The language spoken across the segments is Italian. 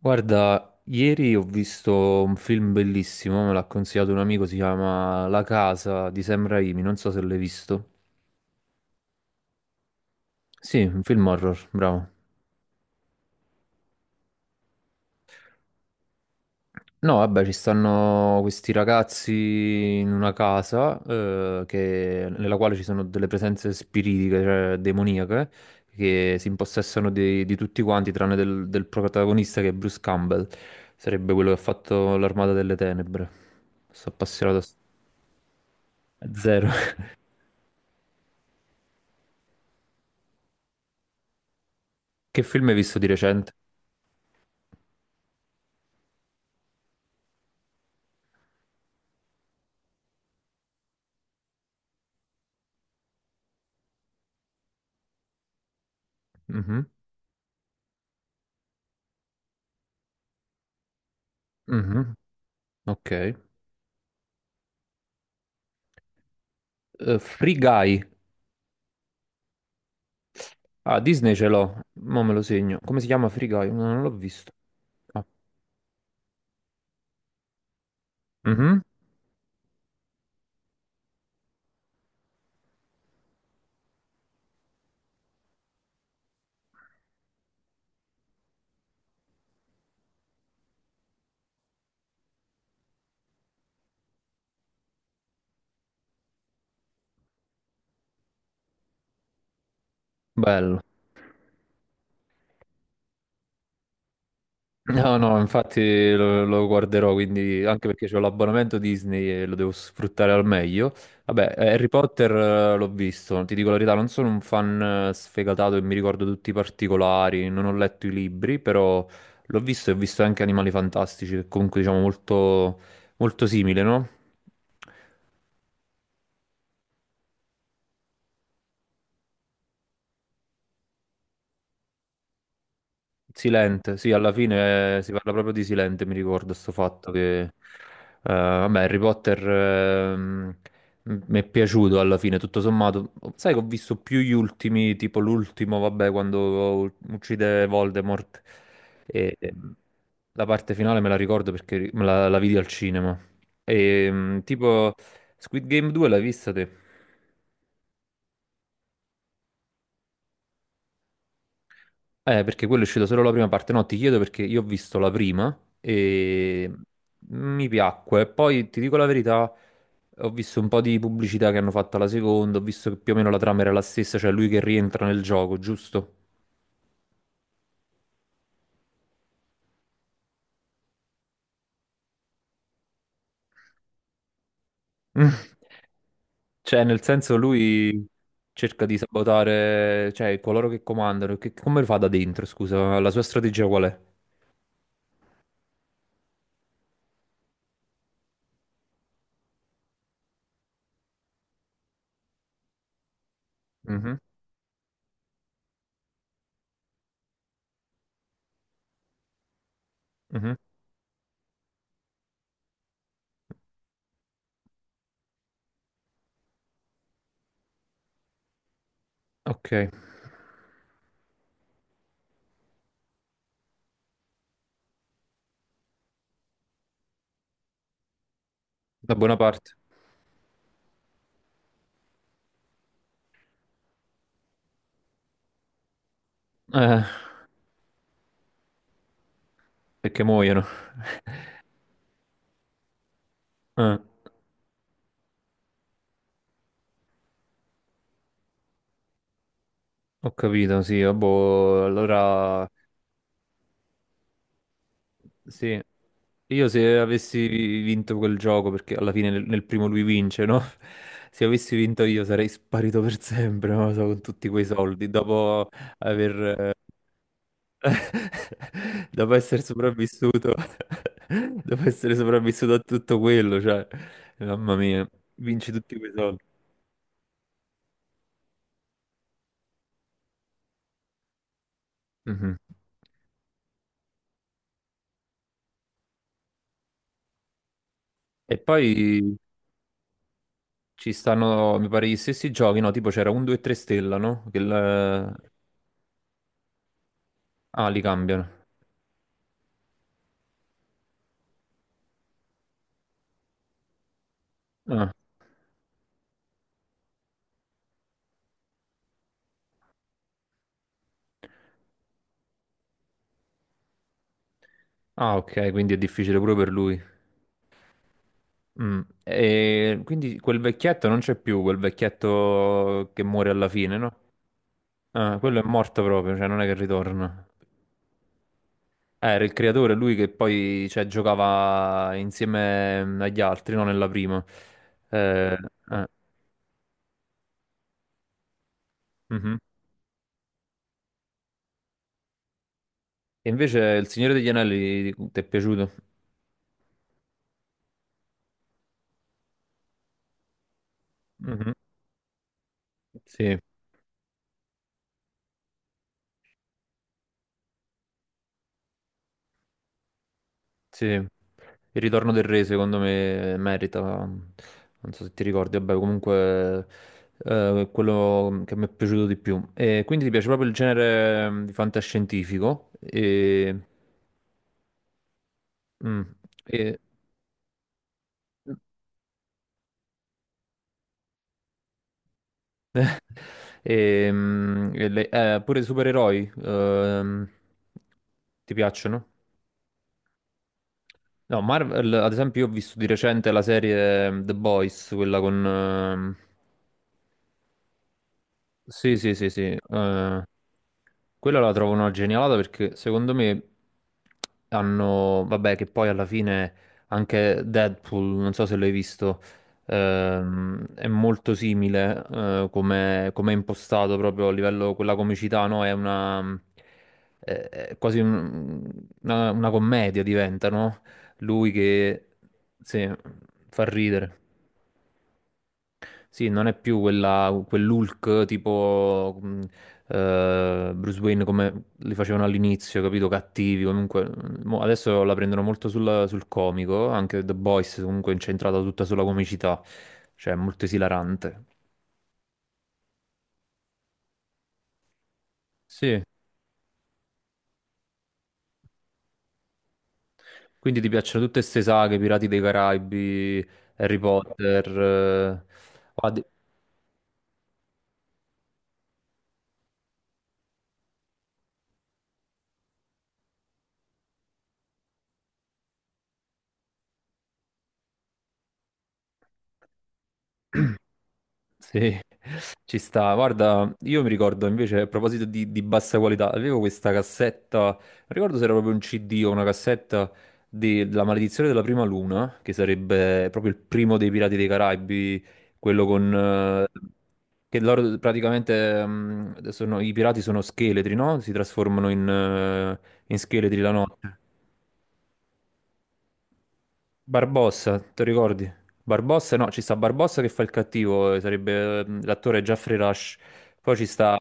Guarda, ieri ho visto un film bellissimo, me l'ha consigliato un amico, si chiama La casa di Sam Raimi, non so se l'hai visto. Sì, un film horror, bravo. No, vabbè, ci stanno questi ragazzi in una casa nella quale ci sono delle presenze spiritiche, cioè demoniache, che si impossessano di tutti quanti, tranne del protagonista che è Bruce Campbell, sarebbe quello che ha fatto l'Armata delle Tenebre. Sto appassionato a s- A zero. Che film hai visto di recente? Mhm, mhm. Ok. Free Guy. Ah, Disney ce l'ho. Mo me lo segno. Come si chiama Free Guy? No, non l'ho visto. Ah, mhm, bello. No, no, infatti lo guarderò, quindi anche perché ho l'abbonamento Disney e lo devo sfruttare al meglio. Vabbè, Harry Potter l'ho visto, ti dico la verità, non sono un fan sfegatato e mi ricordo tutti i particolari, non ho letto i libri, però l'ho visto e ho visto anche Animali Fantastici, che comunque diciamo molto, molto simile, no? Silente, sì, alla fine si parla proprio di Silente, mi ricordo sto fatto che, vabbè, Harry Potter, mi è piaciuto alla fine, tutto sommato. Sai che ho visto più gli ultimi, tipo l'ultimo, vabbè, quando uccide Voldemort, e la parte finale me la ricordo perché la vidi al cinema. E, ehm, tipo, Squid Game 2 l'hai vista te? Perché quello è uscito solo la prima parte. No, ti chiedo perché io ho visto la prima e mi piacque. Poi ti dico la verità, ho visto un po' di pubblicità che hanno fatto alla seconda, ho visto che più o meno la trama era la stessa, cioè lui che rientra nel gioco, giusto? Mm. Cioè, nel senso lui cerca di sabotare, cioè, coloro che comandano. Che, come lo fa da dentro, scusa? La sua strategia qual è? Mhm, mhm. Ok, da buona parte. Eh, perché muoiono. Eh. Ho capito, sì, ah, boh, allora sì, io se avessi vinto quel gioco, perché alla fine nel, nel primo lui vince, no? Se avessi vinto io sarei sparito per sempre, non lo so, con tutti quei soldi, aver... eh, dopo essere sopravvissuto, dopo essere sopravvissuto a tutto quello, cioè, mamma mia, vinci tutti quei soldi. Mhm. E poi ci stanno, mi pare, gli stessi giochi, no? Tipo c'era un 2 e 3 stella, no? Che il- Ah, li cambiano. Ah, ah, ok, quindi è difficile pure per lui. Mm. E quindi quel vecchietto non c'è più, quel vecchietto che muore alla fine, no? Ah, quello è morto proprio, cioè non è che ritorna. Era il creatore, lui che poi cioè, giocava insieme agli altri, no? Nella prima. Eh, eh, mhm. E invece Il Signore degli Anelli ti è piaciuto? Mhm. Sì. Sì, il ritorno del re secondo me merita, non so se ti ricordi, vabbè comunque è quello che mi è piaciuto di più. E quindi ti piace proprio il genere di fantascientifico mm, e- pure i supereroi ti piacciono? No, Marvel, ad esempio, io ho visto di recente la serie The Boys, sì, sì, sì, sì. Quella la trovo una genialata perché secondo me hanno, vabbè, che poi alla fine anche Deadpool, non so se l'hai visto, è molto simile come come è impostato proprio a livello, quella comicità, no? È una, è quasi un- una commedia diventa, no? Lui che, sì, fa ridere. Sì, non è più quella, quell'Hulk tipo Bruce Wayne come li facevano all'inizio, capito? Cattivi, comunque. Mo adesso la prendono molto sul comico, anche The Boys comunque è incentrata tutta sulla comicità, cioè è molto esilarante. Sì. Quindi ti piacciono tutte queste saghe, Pirati dei Caraibi, Harry Potter, o ad- sì, ci sta. Guarda, io mi ricordo invece, a proposito di bassa qualità, avevo questa cassetta, non ricordo se era proprio un CD o una cassetta della Maledizione della Prima Luna, che sarebbe proprio il primo dei Pirati dei Caraibi, quello con... eh, che loro i pirati sono scheletri, no? Si trasformano in, in scheletri la notte. Barbossa, ti ricordi? Barbossa, no, ci sta Barbossa che fa il cattivo, sarebbe l'attore Jeffrey Rush. Poi ci sta...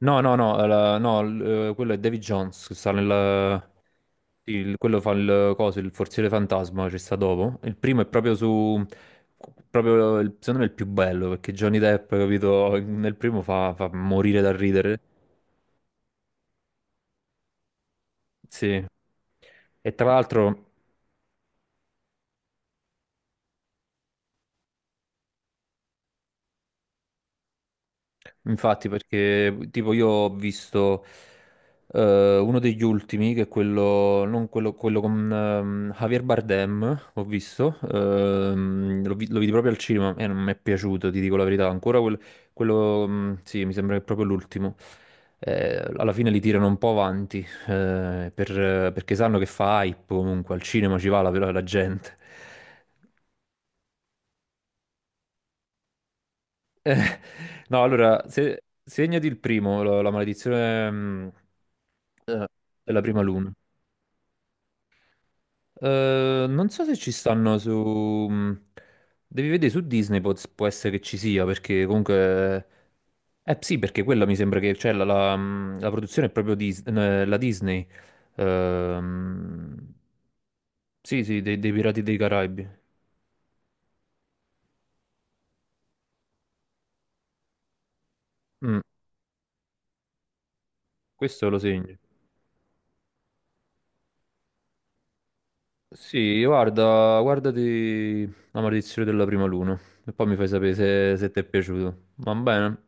No, no, no, la- no, l- quello è David Jones, che sta nel... quello fa il coso, il forziere fantasma, ci sta dopo. Il primo è proprio su... proprio, secondo me, il più bello, perché Johnny Depp, capito, nel primo fa morire dal ridere. Sì. E tra l'altro... Infatti, perché tipo io ho visto uno degli ultimi, che è quello, non quello, quello con Javier Bardem, ho visto, lo vidi proprio al cinema e non mi è piaciuto, ti dico la verità, quello, sì, mi sembra che è proprio l'ultimo. Alla fine li tirano un po' avanti, perché sanno che fa hype comunque, al cinema ci va la gente. Eh, no, allora, se, segnati il primo, la maledizione eh, della prima luna. Non so se ci stanno su... mm, devi vedere su Disney, può, può essere che ci sia, perché comunque... sì, perché quella mi sembra che... Cioè, la produzione è proprio la Disney. Ehm, sì, sì, dei, dei Pirati dei Caraibi. Mm, questo lo segno. Sì, guarda, guardati La maledizione della prima luna e poi mi fai sapere se, se ti è piaciuto. Va bene?